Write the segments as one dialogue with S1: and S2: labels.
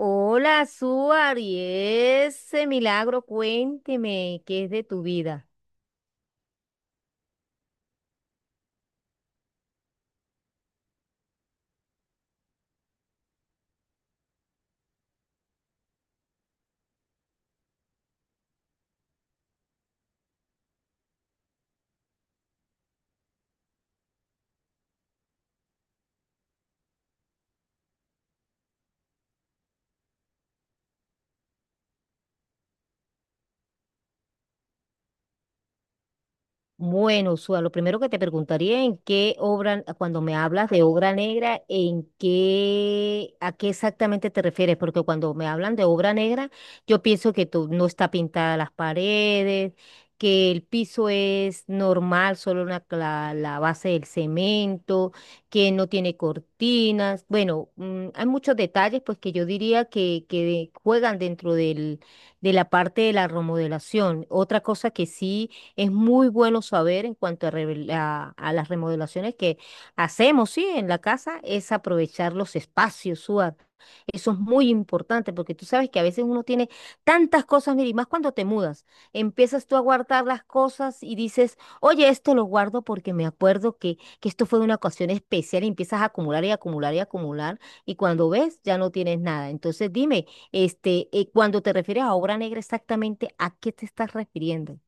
S1: Hola, Suar, y ese milagro, cuénteme, ¿qué es de tu vida? Bueno, Sua, lo primero que te preguntaría en qué obra, cuando me hablas de obra negra, a qué exactamente te refieres, porque cuando me hablan de obra negra, yo pienso que no está pintada las paredes, que el piso es normal, solo la, base del cemento, que no tiene cortinas. Bueno, mm, hay muchos detalles, pues que yo diría que juegan dentro de la parte de la remodelación. Otra cosa que sí. Es muy bueno saber en cuanto a, a las remodelaciones que hacemos, sí, en la casa, es aprovechar los espacios, Suar. Eso es muy importante porque tú sabes que a veces uno tiene tantas cosas, mira, y más cuando te mudas, empiezas tú a guardar las cosas y dices, oye, esto lo guardo porque me acuerdo que esto fue una ocasión especial y empiezas a acumular y acumular y acumular y cuando ves ya no tienes nada. Entonces dime, este, cuando te refieres a obra negra, exactamente, ¿a qué te estás refiriendo?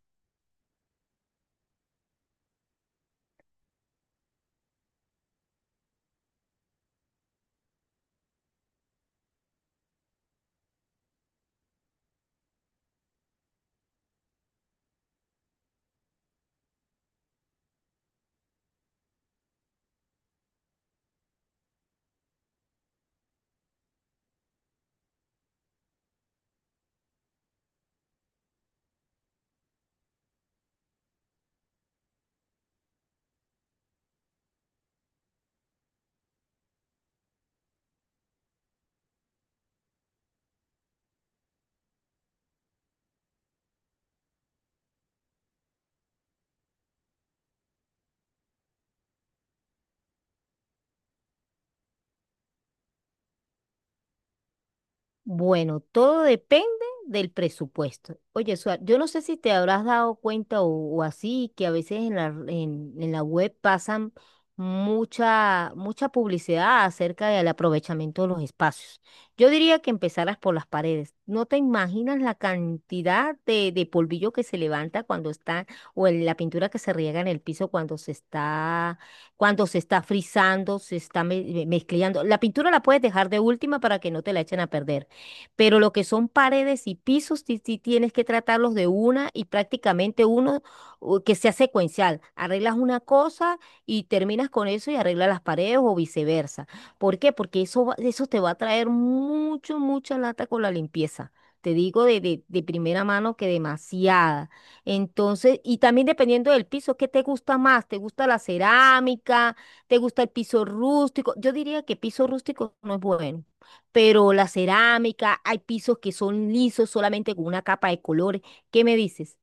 S1: Bueno, todo depende del presupuesto. Oye, Suar, yo no sé si te habrás dado cuenta o así, que a veces en la web pasan mucha publicidad acerca del aprovechamiento de los espacios. Yo diría que empezaras por las paredes. No te imaginas la cantidad de polvillo que se levanta cuando está, o en la pintura que se riega en el piso cuando se está frizando, se está mezclando. La pintura la puedes dejar de última para que no te la echen a perder, pero lo que son paredes y pisos, sí, sí tienes que tratarlos de una y prácticamente uno que sea secuencial. Arreglas una cosa y terminas con eso y arreglas las paredes o viceversa. ¿Por qué? Porque eso, eso te va a traer mucha lata con la limpieza. Te digo de primera mano que demasiada. Entonces, y también dependiendo del piso, ¿qué te gusta más? ¿Te gusta la cerámica? ¿Te gusta el piso rústico? Yo diría que piso rústico no es bueno, pero la cerámica, hay pisos que son lisos solamente con una capa de colores. ¿Qué me dices?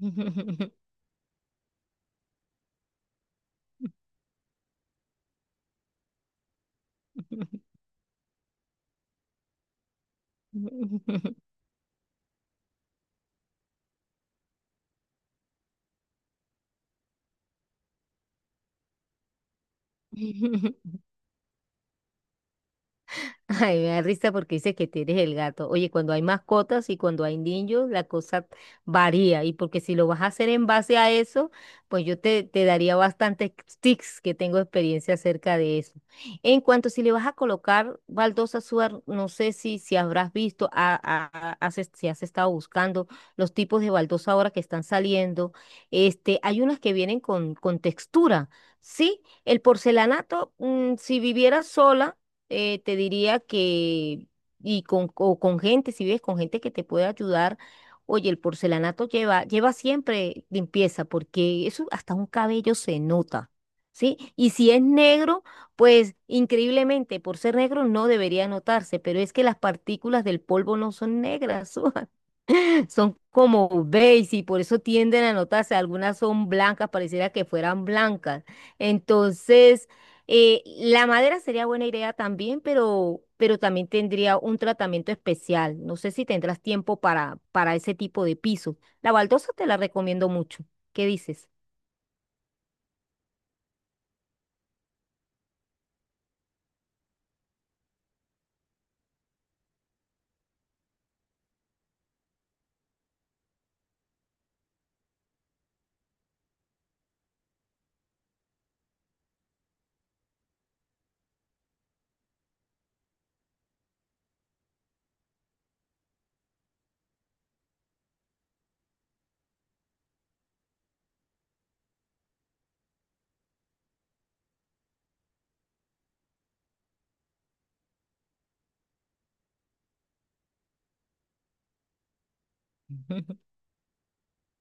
S1: Ay, me da risa porque dice que tienes el gato. Oye, cuando hay mascotas y cuando hay niños, la cosa varía. Y porque si lo vas a hacer en base a eso, pues yo te daría bastantes tips que tengo experiencia acerca de eso. En cuanto si le vas a colocar baldosa, Suar, no sé si, si habrás visto, si has estado buscando los tipos de baldosa ahora que están saliendo. Este, hay unas que vienen con textura, ¿sí? El porcelanato, mm, si viviera sola, te diría que, y con, o con gente, si ves, con gente que te puede ayudar. Oye, el porcelanato lleva siempre limpieza, porque eso hasta un cabello se nota, ¿sí? Y si es negro, pues increíblemente, por ser negro no debería notarse, pero es que las partículas del polvo no son negras. Son como beige y por eso tienden a notarse. Algunas son blancas, pareciera que fueran blancas. Entonces, la madera sería buena idea también, pero también tendría un tratamiento especial. No sé si tendrás tiempo para ese tipo de piso. La baldosa te la recomiendo mucho. ¿Qué dices?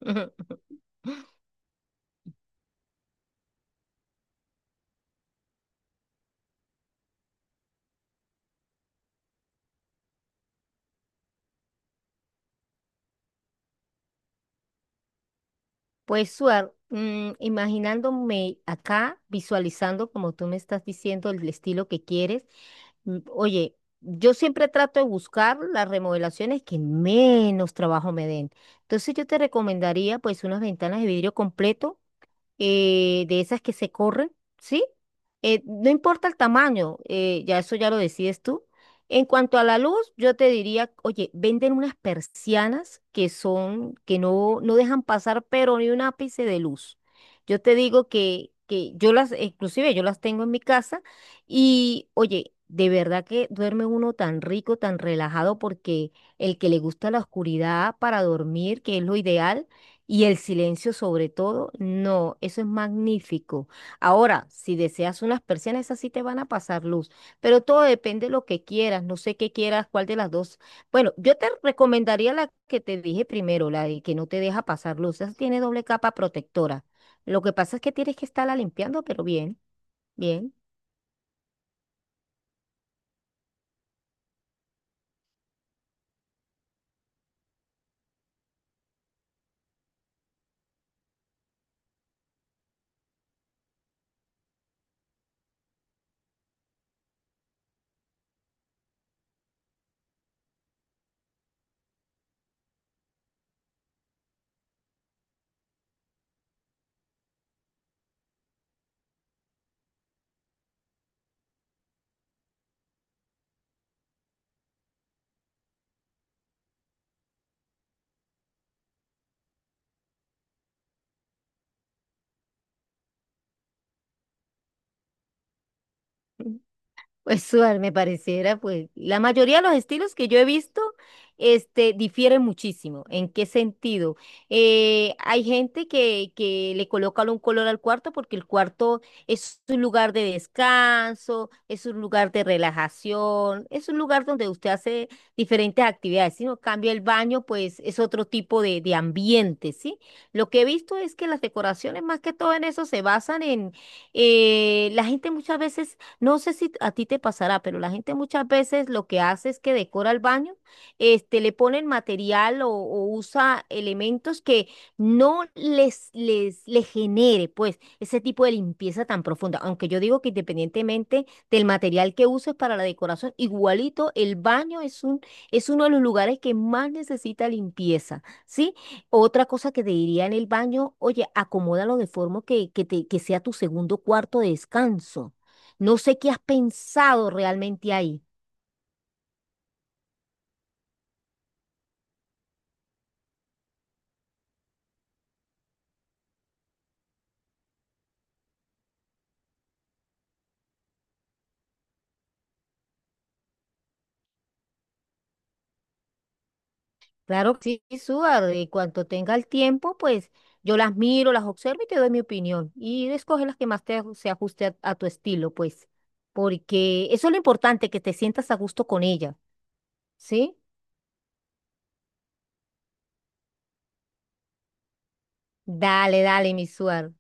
S1: Pues, Suar, mm, imaginándome acá, visualizando como tú me estás diciendo el estilo que quieres, mm, oye, yo siempre trato de buscar las remodelaciones que menos trabajo me den. Entonces yo te recomendaría pues unas ventanas de vidrio completo, de esas que se corren, ¿sí? No importa el tamaño, ya eso ya lo decides tú. En cuanto a la luz, yo te diría, oye, venden unas persianas que son, que no, no dejan pasar, pero ni un ápice de luz. Yo te digo que yo las, inclusive yo las tengo en mi casa y, oye, de verdad que duerme uno tan rico, tan relajado, porque el que le gusta la oscuridad para dormir, que es lo ideal, y el silencio sobre todo, no, eso es magnífico. Ahora, si deseas unas persianas, esas sí te van a pasar luz, pero todo depende de lo que quieras, no sé qué quieras, cuál de las dos. Bueno, yo te recomendaría la que te dije primero, la de que no te deja pasar luz, esa tiene doble capa protectora. Lo que pasa es que tienes que estarla limpiando, pero bien, bien. Pues Suar, me pareciera, pues la mayoría de los estilos que yo he visto, este, difieren muchísimo. ¿En qué sentido? Hay gente que le coloca un color al cuarto porque el cuarto es un lugar de descanso, es un lugar de relajación, es un lugar donde usted hace diferentes actividades. Si no cambia el baño, pues es otro tipo de ambiente, ¿sí? Lo que he visto es que las decoraciones más que todo en eso se basan en la gente muchas veces, no sé si a ti te pasará, pero la gente muchas veces lo que hace es que decora el baño, este, le ponen material o usa elementos que no les genere, pues, ese tipo de limpieza tan profunda. Aunque yo digo que independientemente del material que uses para la decoración, igualito el baño es es uno de los lugares que más necesita limpieza, ¿sí? Otra cosa que te diría en el baño, oye, acomódalo de forma que sea tu segundo cuarto de descanso. No sé qué has pensado realmente ahí. Claro que sí, Suar, y cuanto tenga el tiempo, pues yo las miro, las observo y te doy mi opinión. Y escoge las que más te, se ajuste a tu estilo, pues. Porque eso es lo importante, que te sientas a gusto con ella, ¿sí? Dale, dale, mi Suar.